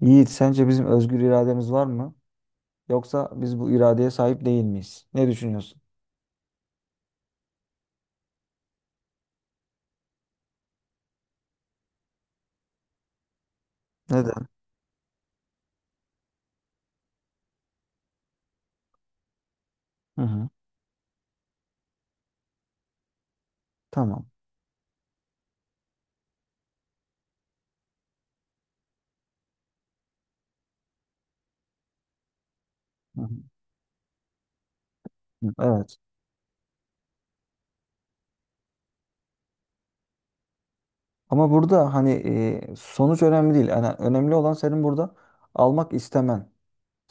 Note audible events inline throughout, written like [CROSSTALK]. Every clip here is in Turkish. Yiğit, sence bizim özgür irademiz var mı? Yoksa biz bu iradeye sahip değil miyiz? Ne düşünüyorsun? Neden? Hı hı. Tamam. Hı hı. Hı, evet. Ama burada hani sonuç önemli değil. Yani önemli olan senin burada almak istemen.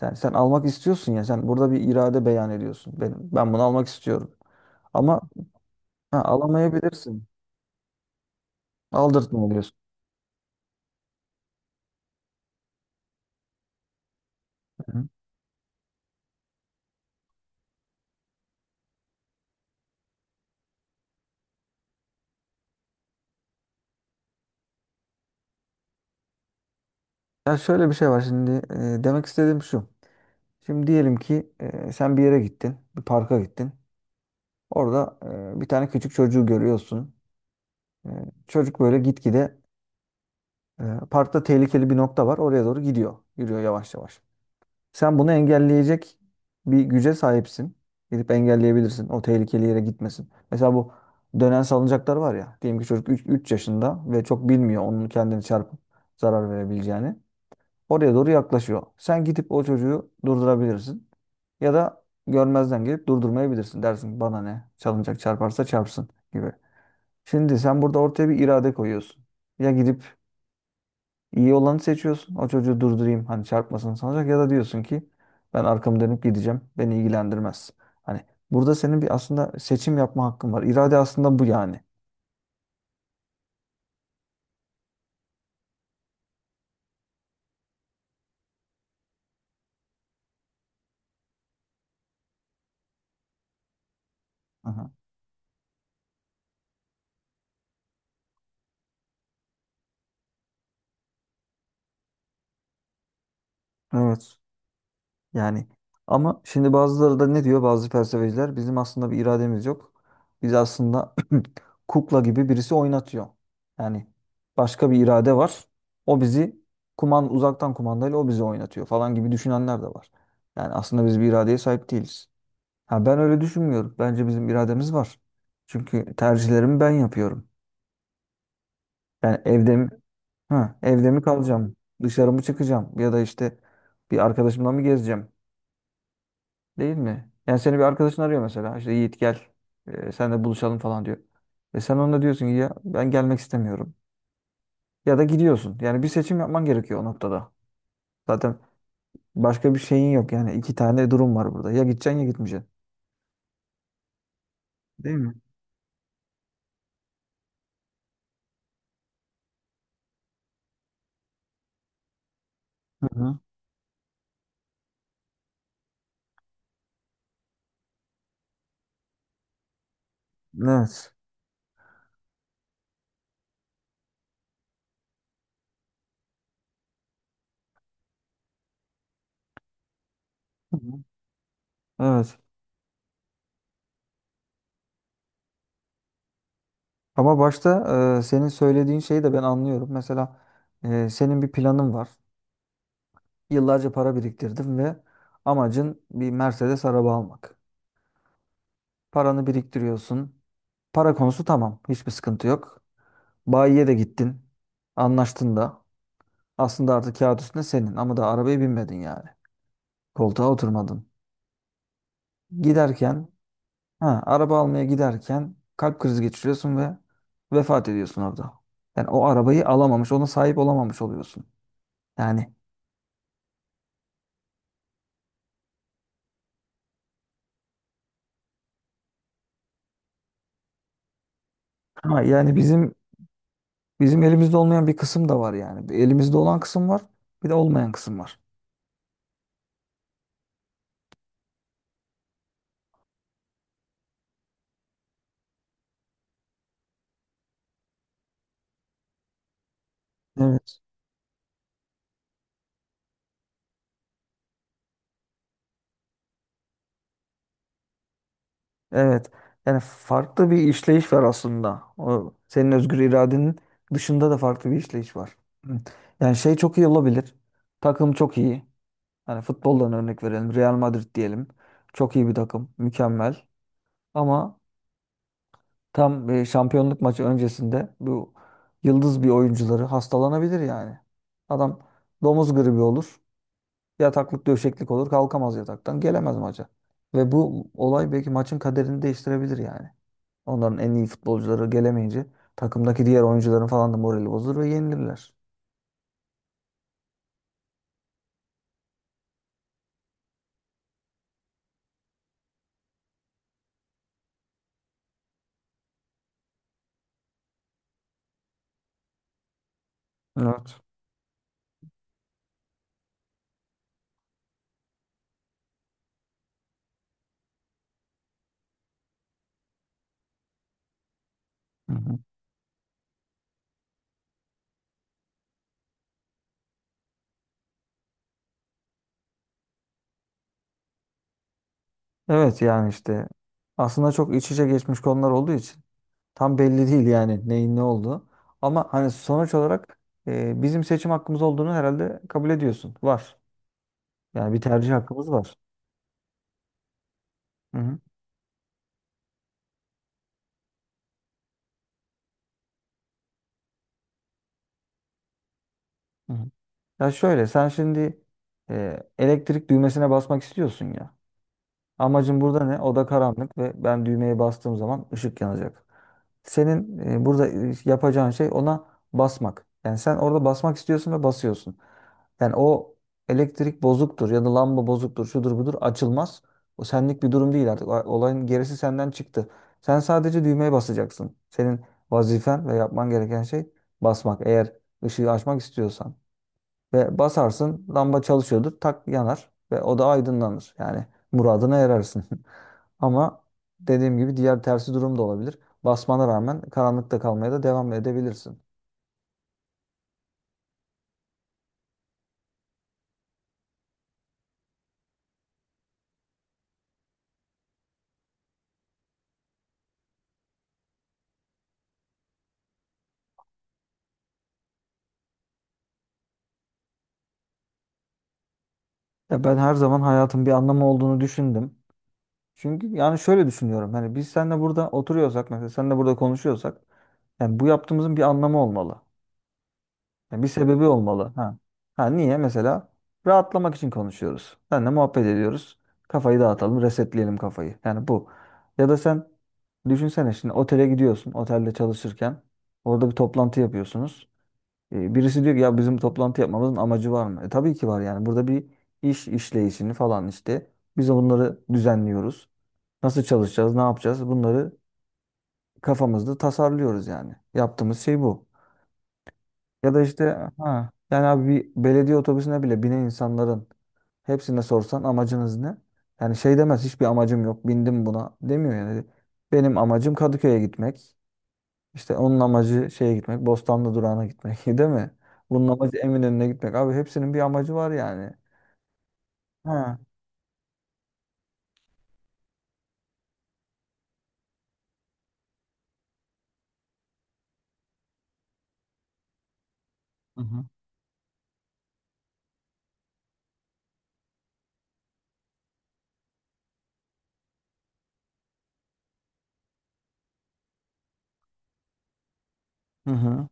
Sen almak istiyorsun ya. Sen burada bir irade beyan ediyorsun. Ben bunu almak istiyorum. Ama ha, alamayabilirsin. Aldırtma oluyorsun. Hı hı. Ya şöyle bir şey var şimdi. Demek istediğim şu. Şimdi diyelim ki sen bir yere gittin. Bir parka gittin. Orada bir tane küçük çocuğu görüyorsun. E, Çocuk böyle gitgide e, parkta tehlikeli bir nokta var. Oraya doğru gidiyor. Yürüyor yavaş yavaş. Sen bunu engelleyecek bir güce sahipsin. Gidip engelleyebilirsin. O tehlikeli yere gitmesin. Mesela bu dönen salıncaklar var ya. Diyelim ki çocuk 3 yaşında ve çok bilmiyor onun kendini çarpıp zarar verebileceğini. Oraya doğru yaklaşıyor. Sen gidip o çocuğu durdurabilirsin. Ya da görmezden gelip durdurmayabilirsin. Dersin ki, bana ne? Salıncak çarparsa çarpsın gibi. Şimdi sen burada ortaya bir irade koyuyorsun. Ya gidip iyi olanı seçiyorsun. O çocuğu durdurayım. Hani çarpmasın sanacak ya da diyorsun ki ben arkamı dönüp gideceğim. Beni ilgilendirmez. Hani burada senin bir aslında seçim yapma hakkın var. İrade aslında bu yani. Aha. Evet. Yani ama şimdi bazıları da ne diyor bazı felsefeciler? Bizim aslında bir irademiz yok. Biz aslında [CLEARS THROAT] kukla gibi birisi oynatıyor. Yani başka bir irade var. O bizi uzaktan kumandayla o bizi oynatıyor falan gibi düşünenler de var. Yani aslında biz bir iradeye sahip değiliz. Ha, ben öyle düşünmüyorum. Bence bizim irademiz var. Çünkü tercihlerimi ben yapıyorum. Yani evde mi kalacağım, dışarı mı çıkacağım ya da işte bir arkadaşımla mı gezeceğim? Değil mi? Yani seni bir arkadaşın arıyor mesela. İşte Yiğit gel. Sen de buluşalım falan diyor. Ve sen ona diyorsun ki ya ben gelmek istemiyorum. Ya da gidiyorsun. Yani bir seçim yapman gerekiyor o noktada. Zaten başka bir şeyin yok. Yani iki tane durum var burada. Ya gideceksin ya gitmeyeceksin. Değil mi? Hı hı. Evet. Hı hı. Evet. Ama başta senin söylediğin şeyi de ben anlıyorum. Mesela senin bir planın var. Yıllarca para biriktirdin ve amacın bir Mercedes araba almak. Paranı biriktiriyorsun. Para konusu tamam. Hiçbir sıkıntı yok. Bayiye de gittin. Anlaştın da. Aslında artık kağıt üstünde senin ama da arabaya binmedin yani. Koltuğa oturmadın. Giderken, ha, Araba almaya giderken kalp krizi geçiriyorsun ve vefat ediyorsun orada. Yani o arabayı alamamış, ona sahip olamamış oluyorsun. Yani ha, yani bizim elimizde olmayan bir kısım da var yani. Bir elimizde olan kısım var, bir de olmayan kısım var. Evet. Evet. Yani farklı bir işleyiş var aslında. O senin özgür iradenin dışında da farklı bir işleyiş var. Hı. Yani şey çok iyi olabilir. Takım çok iyi. Hani futboldan örnek verelim. Real Madrid diyelim. Çok iyi bir takım. Mükemmel. Ama tam şampiyonluk maçı öncesinde bu yıldız bir oyuncuları hastalanabilir yani. Adam domuz gribi olur. Yataklık döşeklik olur. Kalkamaz yataktan. Gelemez maça. Ve bu olay belki maçın kaderini değiştirebilir yani. Onların en iyi futbolcuları gelemeyince takımdaki diğer oyuncuların falan da morali bozulur ve yenilirler. Evet. Hı hı. Evet yani işte aslında çok iç içe geçmiş konular olduğu için tam belli değil yani neyin ne olduğu. Ama hani sonuç olarak bizim seçim hakkımız olduğunu herhalde kabul ediyorsun. Var. Yani bir tercih hakkımız var. Hı hı. Hı hı. Ya şöyle sen şimdi elektrik düğmesine basmak istiyorsun ya. Amacım burada ne? Oda karanlık ve ben düğmeye bastığım zaman ışık yanacak. Senin burada yapacağın şey ona basmak. Yani sen orada basmak istiyorsun ve basıyorsun. Yani o elektrik bozuktur ya da lamba bozuktur, şudur budur açılmaz. O senlik bir durum değil artık. Olayın gerisi senden çıktı. Sen sadece düğmeye basacaksın. Senin vazifen ve yapman gereken şey basmak. Eğer ışığı açmak istiyorsan. Ve basarsın lamba çalışıyordur tak yanar ve o da aydınlanır. Yani muradına erersin. [LAUGHS] Ama dediğim gibi diğer tersi durum da olabilir. Basmana rağmen karanlıkta kalmaya da devam edebilirsin. Ya ben her zaman hayatın bir anlamı olduğunu düşündüm. Çünkü yani şöyle düşünüyorum. Hani biz seninle burada oturuyorsak mesela seninle burada konuşuyorsak yani bu yaptığımızın bir anlamı olmalı. Yani bir sebebi olmalı. Ha. Ha niye? Mesela rahatlamak için konuşuyoruz. Seninle muhabbet ediyoruz. Kafayı dağıtalım, resetleyelim kafayı. Yani bu. Ya da sen düşünsene şimdi otele gidiyorsun. Otelde çalışırken orada bir toplantı yapıyorsunuz. Birisi diyor ki ya bizim toplantı yapmamızın amacı var mı? Tabii ki var yani. Burada bir iş işleyişini falan işte. Biz bunları düzenliyoruz. Nasıl çalışacağız, ne yapacağız? Bunları kafamızda tasarlıyoruz yani. Yaptığımız şey bu. Ya da işte ha yani abi bir belediye otobüsüne bile binen insanların hepsine sorsan amacınız ne? Yani şey demez hiçbir amacım yok bindim buna demiyor yani. Benim amacım Kadıköy'e gitmek. İşte onun amacı şeye gitmek Bostanlı durağına gitmek [LAUGHS] değil mi? Bunun amacı Eminönü'ne gitmek. Abi hepsinin bir amacı var yani. Ha. Hı hı. Hı hı.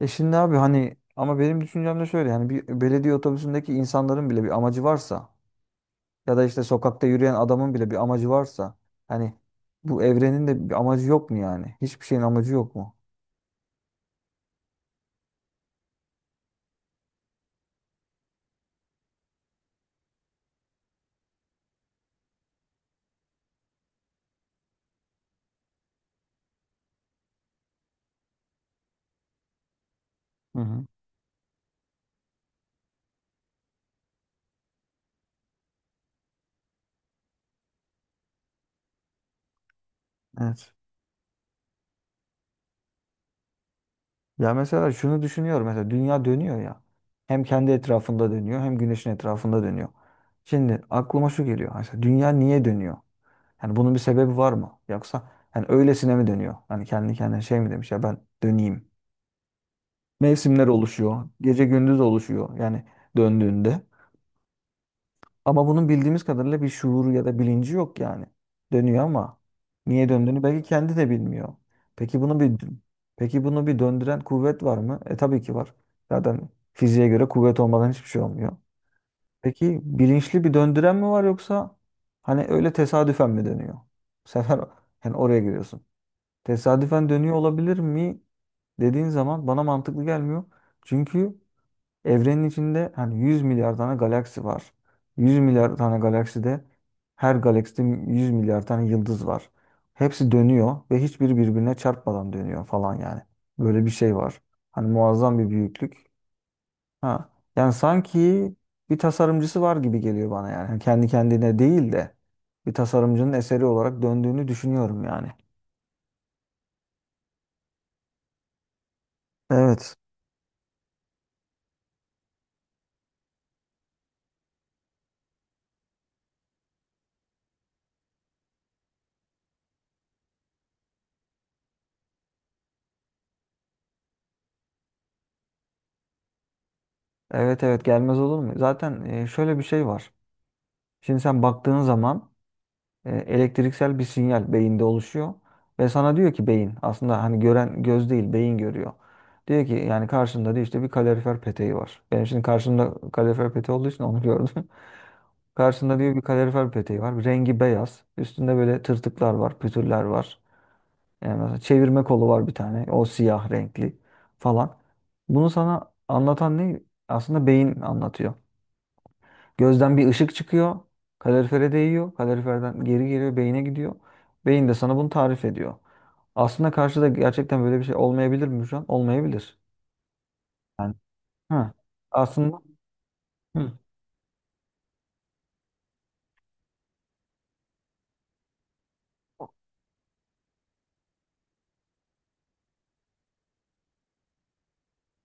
Şimdi abi hani ama benim düşüncem de şöyle yani bir belediye otobüsündeki insanların bile bir amacı varsa, ya da işte sokakta yürüyen adamın bile bir amacı varsa, hani bu evrenin de bir amacı yok mu yani? Hiçbir şeyin amacı yok mu? Hı hı. Evet. Ya mesela şunu düşünüyorum. Mesela dünya dönüyor ya. Hem kendi etrafında dönüyor hem güneşin etrafında dönüyor. Şimdi aklıma şu geliyor. Mesela dünya niye dönüyor? Yani bunun bir sebebi var mı? Yoksa hani öylesine mi dönüyor? Hani kendi kendine şey mi demiş ya ben döneyim. Mevsimler oluşuyor. Gece gündüz oluşuyor. Yani döndüğünde. Ama bunun bildiğimiz kadarıyla bir şuuru ya da bilinci yok yani. Dönüyor ama niye döndüğünü belki kendi de bilmiyor. Peki bunu bir peki bunu bir döndüren kuvvet var mı? Tabii ki var. Zaten fiziğe göre kuvvet olmadan hiçbir şey olmuyor. Peki bilinçli bir döndüren mi var yoksa hani öyle tesadüfen mi dönüyor? Bu sefer [LAUGHS] yani oraya giriyorsun. Tesadüfen dönüyor olabilir mi dediğin zaman bana mantıklı gelmiyor. Çünkü evrenin içinde hani 100 milyar tane galaksi var. 100 milyar tane galakside her galakside 100 milyar tane yıldız var. Hepsi dönüyor ve hiçbiri birbirine çarpmadan dönüyor falan yani. Böyle bir şey var. Hani muazzam bir büyüklük. Ha. Yani sanki bir tasarımcısı var gibi geliyor bana yani. Yani kendi kendine değil de bir tasarımcının eseri olarak döndüğünü düşünüyorum yani. Evet. Evet, evet, gelmez olur mu? Zaten şöyle bir şey var. Şimdi sen baktığın zaman elektriksel bir sinyal beyinde oluşuyor ve sana diyor ki beyin aslında hani gören göz değil beyin görüyor. Diyor ki yani karşında diyor işte bir kalorifer peteği var. Benim şimdi karşımda kalorifer peteği olduğu için onu gördüm. [LAUGHS] Karşında diyor bir kalorifer peteği var. Rengi beyaz. Üstünde böyle tırtıklar var, pütürler var. Yani mesela çevirme kolu var bir tane. O siyah renkli falan. Bunu sana anlatan ne? Aslında beyin anlatıyor. Gözden bir ışık çıkıyor. Kalorifere değiyor. Kaloriferden geri geliyor. Beyine gidiyor. Beyin de sana bunu tarif ediyor. Aslında karşıda gerçekten böyle bir şey olmayabilir mi şu an? Olmayabilir. Yani, ha. Aslında. Hı.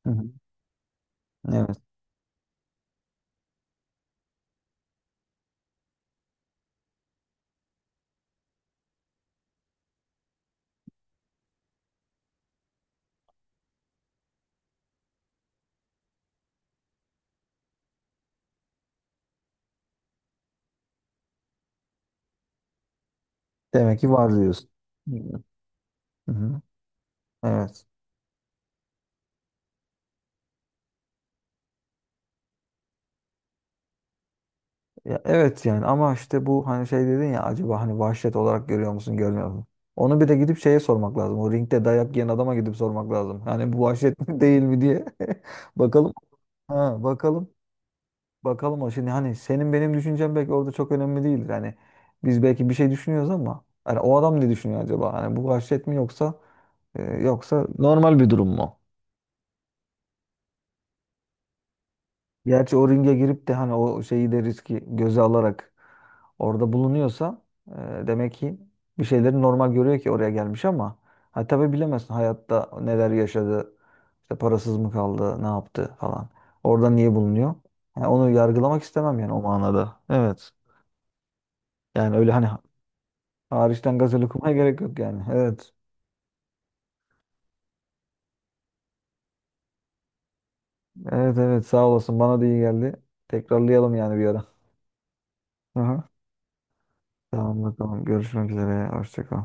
Hı hı. Evet. Demek ki var diyorsun. Hı hı. Evet. Ya, evet yani ama işte bu hani şey dedin ya acaba hani vahşet olarak görüyor musun görmüyor musun? Onu bir de gidip şeye sormak lazım. O ringde dayak yiyen adama gidip sormak lazım. Yani bu vahşet [LAUGHS] mi değil mi diye. [LAUGHS] Bakalım. Ha, bakalım. Bakalım o şimdi hani senin benim düşüncem belki orada çok önemli değildir. Hani biz belki bir şey düşünüyoruz ama hani o adam ne düşünüyor acaba? Hani bu vahşet mi yoksa yoksa normal bir durum mu? Gerçi o ringe girip de hani o şeyi de riski göze alarak orada bulunuyorsa demek ki bir şeyleri normal görüyor ki oraya gelmiş ama ha tabii bilemezsin hayatta neler yaşadı, işte parasız mı kaldı, ne yaptı falan. Orada niye bulunuyor? Yani onu yargılamak istemem yani o manada. Evet. Yani öyle hani hariçten gazel okumaya gerek yok yani. Evet. Evet, evet, sağ olasın. Bana da iyi geldi. Tekrarlayalım yani bir ara. Aha. Tamam bakalım. Görüşmek üzere. Hoşça kal.